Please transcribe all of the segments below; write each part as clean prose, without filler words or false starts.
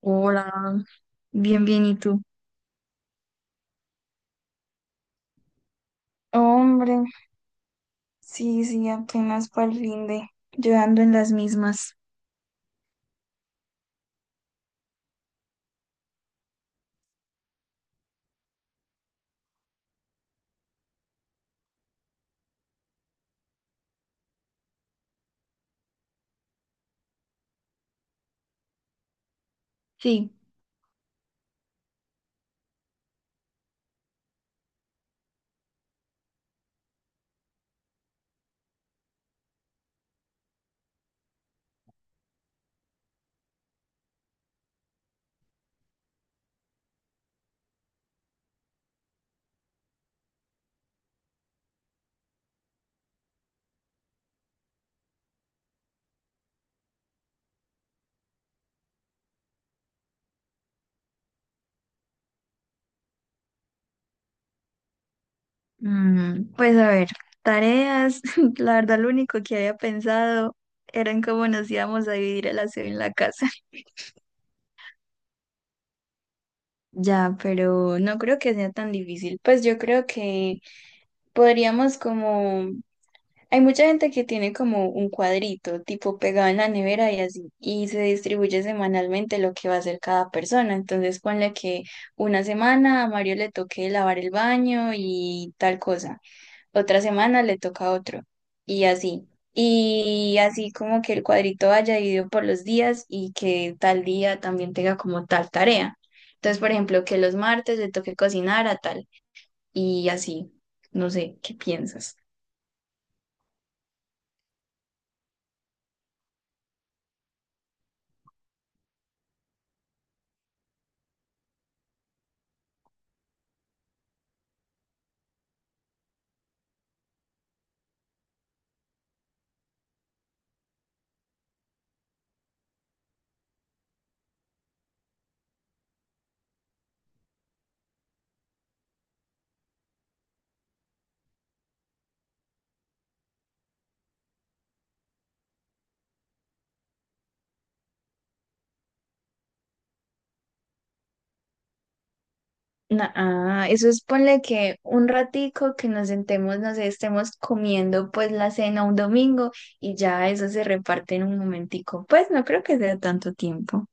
Hola, bien, bien, ¿y tú? Hombre, sí, sí, apenas para el fin de, yo ando en las mismas. Sí. Pues a ver, tareas, la verdad lo único que había pensado era en cómo nos íbamos a dividir el aseo en la casa. Ya, pero no creo que sea tan difícil. Pues yo creo que podríamos como hay mucha gente que tiene como un cuadrito, tipo pegado en la nevera y así, y se distribuye semanalmente lo que va a hacer cada persona. Entonces, ponle que una semana a Mario le toque lavar el baño y tal cosa, otra semana le toca a otro, y así. Y así como que el cuadrito vaya dividido por los días y que tal día también tenga como tal tarea. Entonces, por ejemplo, que los martes le toque cocinar a tal, y así. No sé, ¿qué piensas? Eso es ponle que un ratico que nos sentemos, no sé, estemos comiendo pues la cena un domingo y ya eso se reparte en un momentico. Pues no creo que sea tanto tiempo.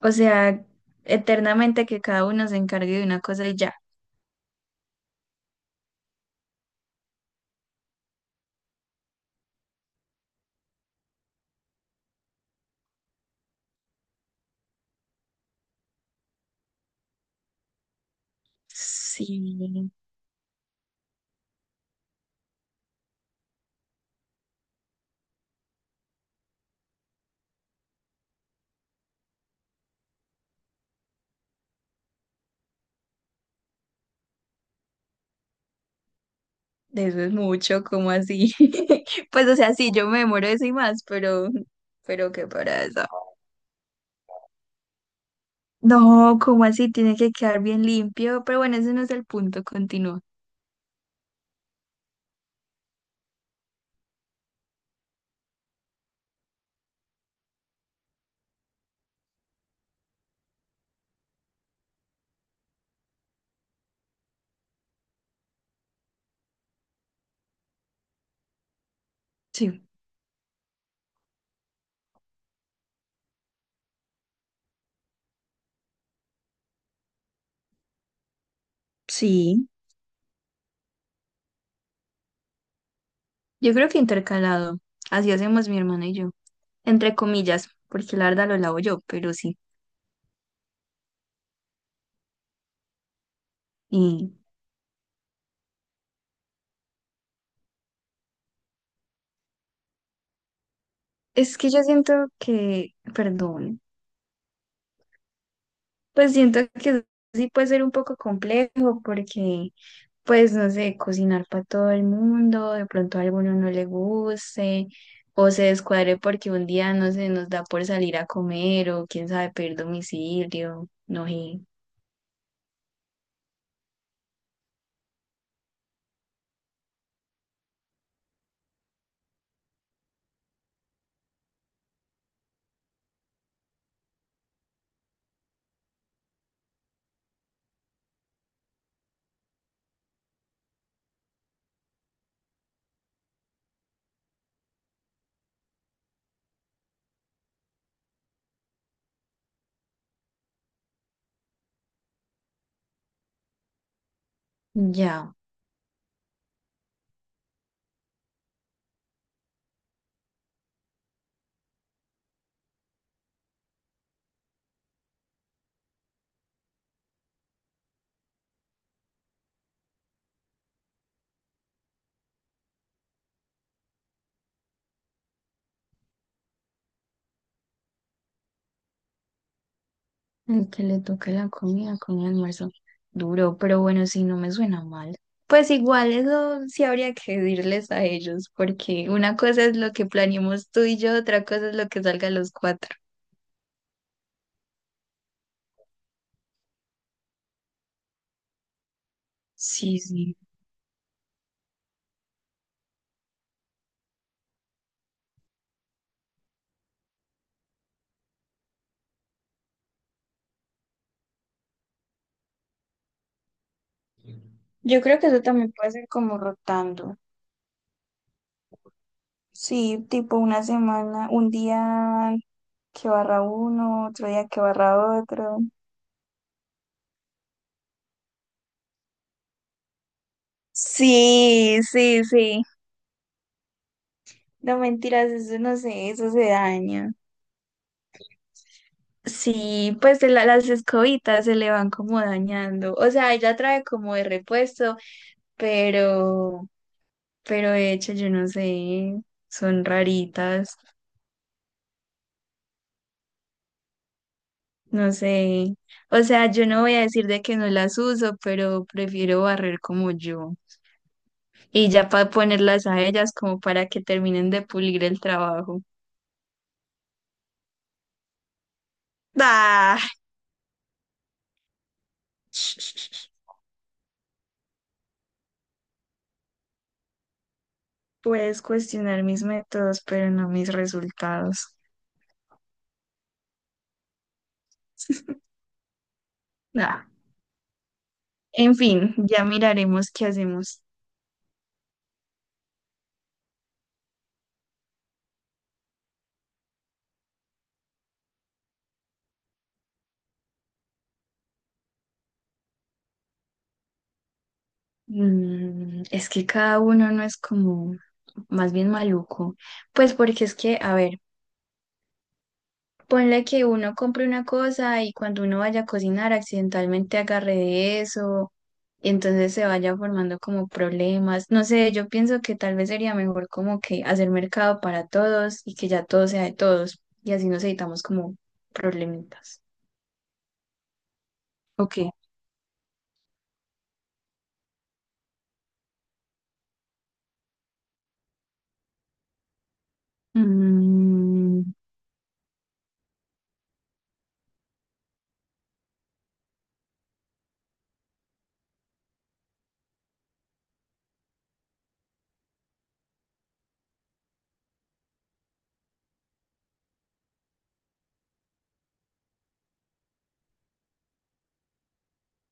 O sea, eternamente que cada uno se encargue de una cosa y ya. Sí, de eso es mucho, como así? Pues o sea, sí, yo me demoro eso y más, pero qué para eso. No, como así? Tiene que quedar bien limpio, pero bueno, ese no es el punto, continúa. Sí. Sí. Yo creo que intercalado. Así hacemos mi hermana y yo. Entre comillas, porque la verdad lo lavo yo, pero sí. Y es que yo siento que, perdón, pues siento que sí puede ser un poco complejo porque, pues no sé, cocinar para todo el mundo, de pronto a alguno no le guste o se descuadre porque un día no se nos da por salir a comer o quién sabe pedir domicilio, no sé. Ya. El que le toque la comida con el almuerzo. Duro, pero bueno, si no me suena mal. Pues igual eso sí habría que decirles a ellos, porque una cosa es lo que planeemos tú y yo, otra cosa es lo que salga a los cuatro. Sí, sí. Yo creo que eso también puede ser como rotando. Sí, tipo una semana, un día que barra uno, otro día que barra otro. Sí, sí, sí. No mentiras, eso no sé, eso se daña. Sí, pues las escobitas se le van como dañando. O sea, ella trae como de repuesto, pero, pero de hecho yo no sé, son raritas, no sé. O sea, yo no voy a decir de que no las uso, pero prefiero barrer como yo. Y ya para ponerlas a ellas como para que terminen de pulir el trabajo. ¡Ah! Puedes cuestionar mis métodos, pero no mis resultados. Ah, en fin, ya miraremos qué hacemos. Es que cada uno no es como más bien maluco. Pues porque es que, a ver, ponle que uno compre una cosa y cuando uno vaya a cocinar accidentalmente agarre de eso y entonces se vaya formando como problemas. No sé, yo pienso que tal vez sería mejor como que hacer mercado para todos y que ya todo sea de todos y así nos evitamos como problemitas. Ok. Mm,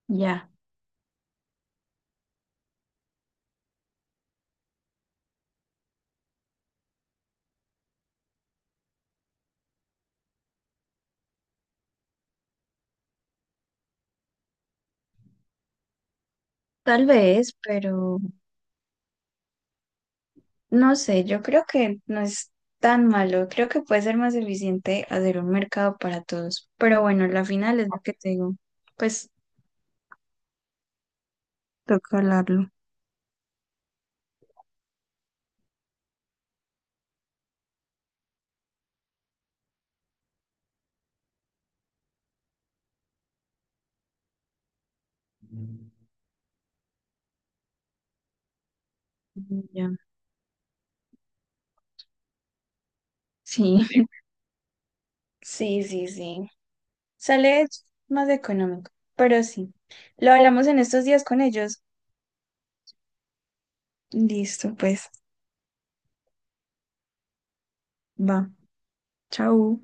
ya, tal vez, pero... No sé, yo creo que no es tan malo, creo que puede ser más eficiente hacer un mercado para todos, pero bueno, la final es lo que te digo, pues toca hablarlo. Ya. Sí, sí, sí, sí, sale más económico, pero sí, lo hablamos en estos días con ellos. Listo, pues, va, chao.